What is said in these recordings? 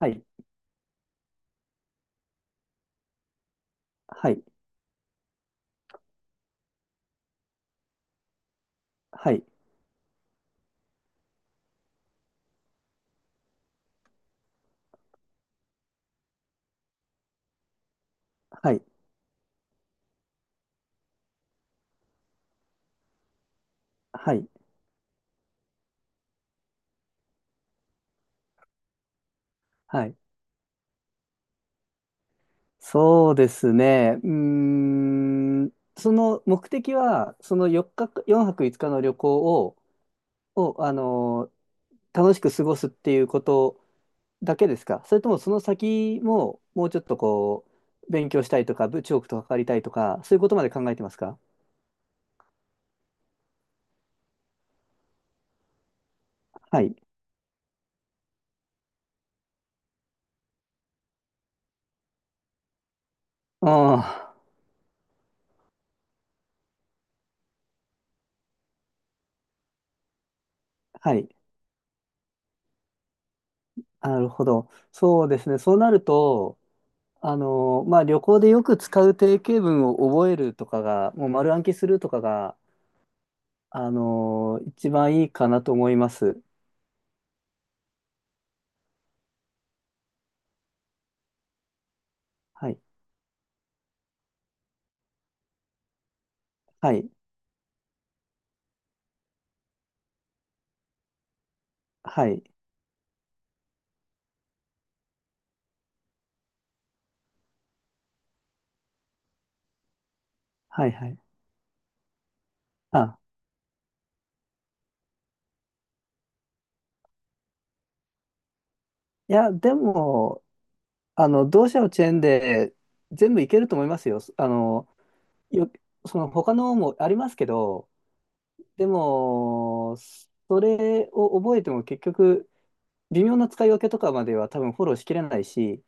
はい、はい、はい、はい、はい、はい。そうですね。うーん、その目的は、4泊5日の旅行を、を、あのー楽しく過ごすっていうことだけですか？それともその先も、もうちょっとこう、勉強したいとか、部長とかかりたいとか、そういうことまで考えてますか？はい。ああ、はい。なるほど。そうですね。そうなると、まあ、旅行でよく使う定型文を覚えるとかが、もう丸暗記するとかが、一番いいかなと思います。はい。はい。はい。はい。はい。あ、いや、でも、同社のチェーンで全部いけると思いますよ。よ、その他のもありますけど、でも、それを覚えても結局、微妙な使い分けとかまでは多分フォローしきれないし、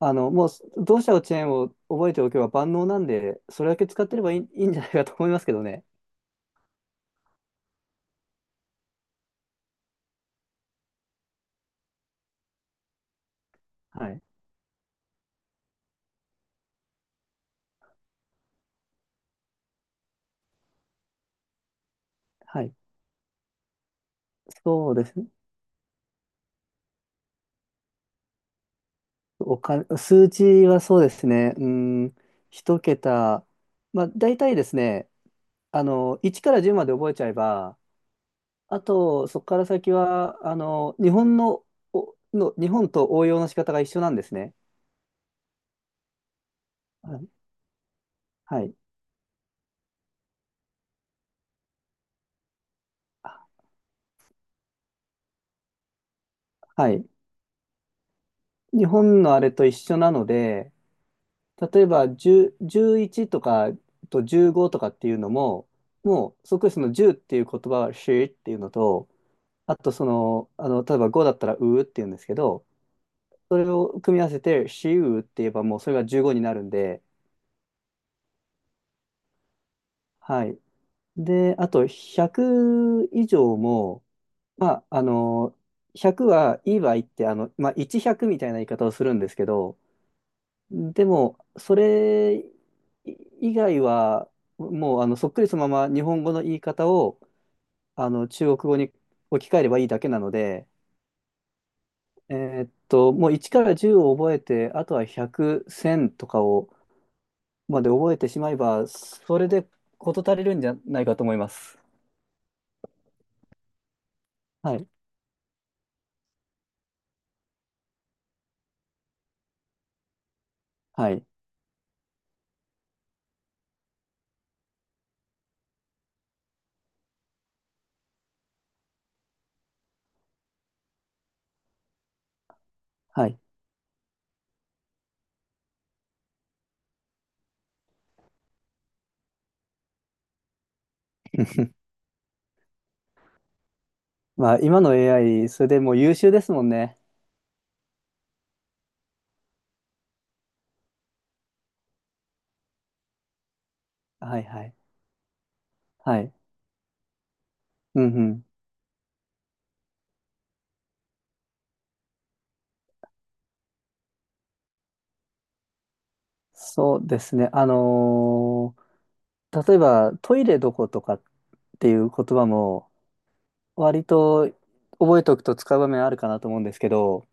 もう、同社のチェーンを覚えておけば万能なんで、それだけ使ってればいい、いいんじゃないかと思いますけどね。はい。はい。そうですね。お金、数字はそうですね。うん、一桁。まあ、大体ですね、1から10まで覚えちゃえば、あと、そこから先は、日本と応用の仕方が一緒なんですね。はい。はい。はい。日本のあれと一緒なので、例えば10、1とかと15とかっていうのも、もうそこにその10っていう言葉はしっていうのと、あと例えば5だったらうっていうんですけど、それを組み合わせてしうって言えばもうそれが15になるんで、はい。で、あと100以上も、まあ、100はいい場合って、まあ、100みたいな言い方をするんですけど、でも、それ以外は、もうあのそっくりそのまま日本語の言い方をあの中国語に置き換えればいいだけなので、えもう1から10を覚えて、あとは100、1000とかをまで覚えてしまえば、それで事足りるんじゃないかと思います。はい、はい、はい。まあ、今の AI、それでもう優秀ですもんね。はい、はい、はい。うん、うん。そうですね。例えばトイレどことかっていう言葉も割と覚えておくと使う場面あるかなと思うんですけど、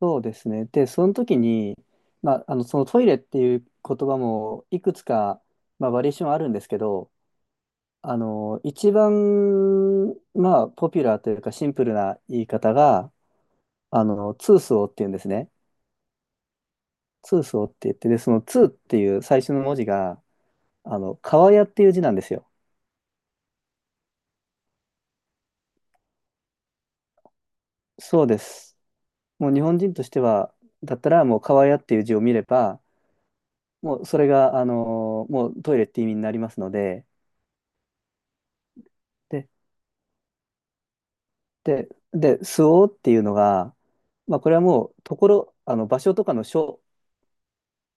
そうですね。で、その時に、まあ、そのトイレっていう言葉もいくつか、まあ、バリエーションあるんですけど、一番、まあ、ポピュラーというかシンプルな言い方が、ツースオーっていうんですね。ツースオーって言って、で、そのツーっていう最初の文字が、川屋っていう字なんですよ。そうです。もう日本人としては、だったらもう川屋っていう字を見れば、もうそれが、もうトイレって意味になりますので、で、で、すおっていうのが、まあこれはもうところ、あの場所とかの所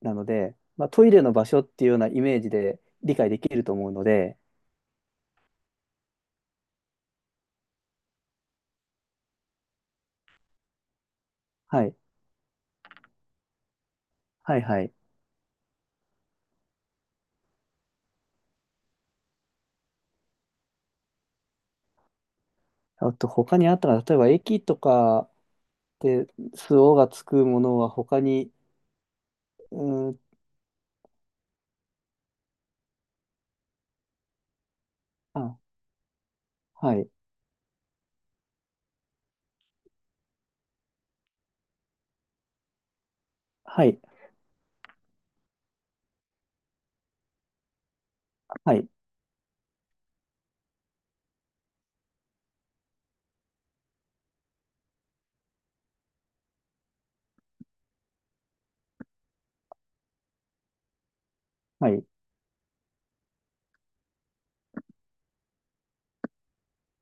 なので、まあトイレの場所っていうようなイメージで理解できると思うので、はい、はい、はい。あと他にあったら、例えば駅とかですおがつくものは他に、うーん、あ、はい、はい、はい、はい。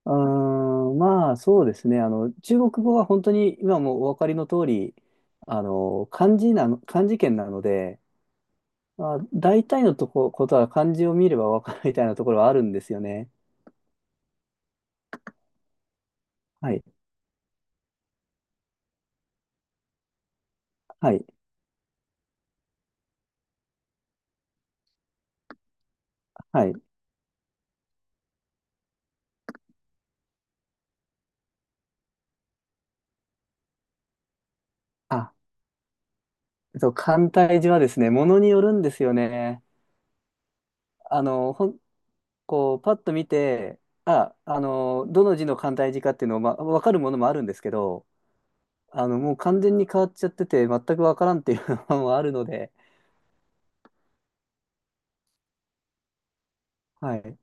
うーん、まあそうですね。中国語は本当に今もお分かりの通り、漢字圏なので、まあ、大体のことは漢字を見れば分かるみたいなところはあるんですよね。はい、はい、はい。あ、簡体字はですね、ものによるんですよね。あの、ほん、こう、パッと見て、あ、どの字の簡体字かっていうのを、まあ、分かるものもあるんですけど、もう完全に変わっちゃってて、全く分からんっていうのもあるので、はい。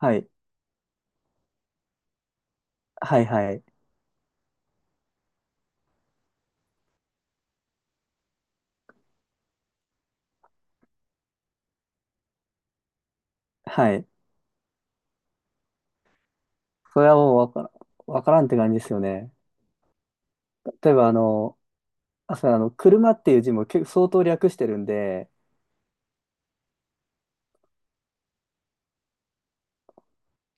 はい、はい、はい。はい。それはもうわからん、わからんって感じですよね。例えばあ、そう車っていう字も結構相当略してるんで、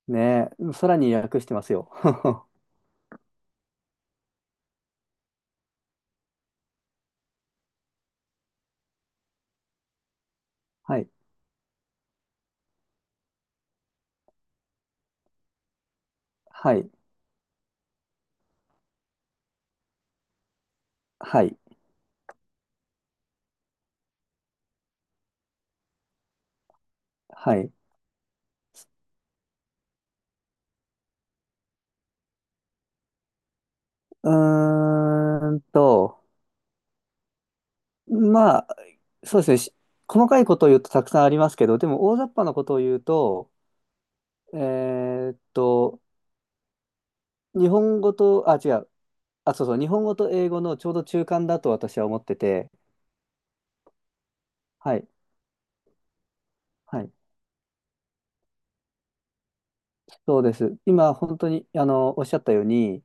ね、さらに略してますよ。はい。はい。はい。はい。うーんと、まあ、そうですね。細かいことを言うとたくさんありますけど、でも大雑把なことを言うと、えーっと、日本語と、あ、違う。あ、そうそう。日本語と英語のちょうど中間だと私は思ってて、はい。はい。そうです。今、本当に、おっしゃったように、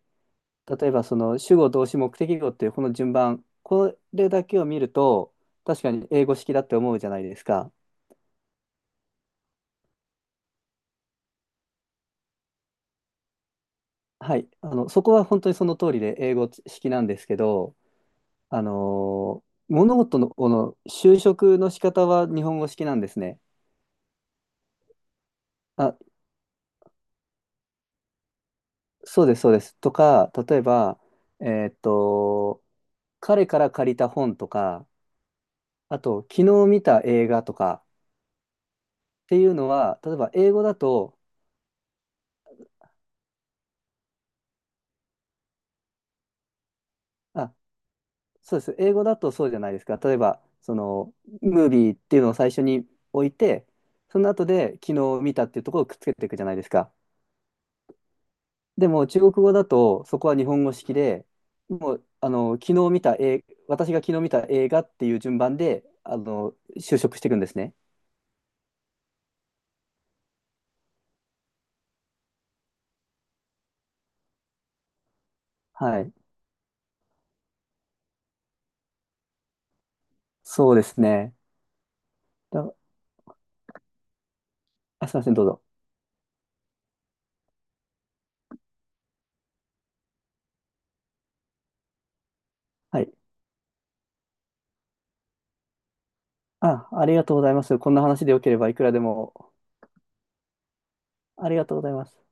例えば、その、主語、動詞、目的語っていうこの順番、これだけを見ると、確かに英語式だって思うじゃないですか。はい。そこは本当にその通りで英語式なんですけど、あの、物事の、この修飾の仕方は日本語式なんですね。あ、そうです、そうです。とか、例えば、えーっと、彼から借りた本とか、あと、昨日見た映画とか、っていうのは、例えば英語だと、あ、そうです。英語だとそうじゃないですか。例えば、その、ムービーっていうのを最初に置いて、その後で昨日見たっていうところをくっつけていくじゃないですか。でも、中国語だと、そこは日本語式で、もう、昨日見た映、私が昨日見た映画っていう順番で、修飾していくんですね。はい。そうですね。だ、あ、すいません、どうぞ。はい。あ、ありがとうございます。こんな話でよければいくらでも。ありがとうございます。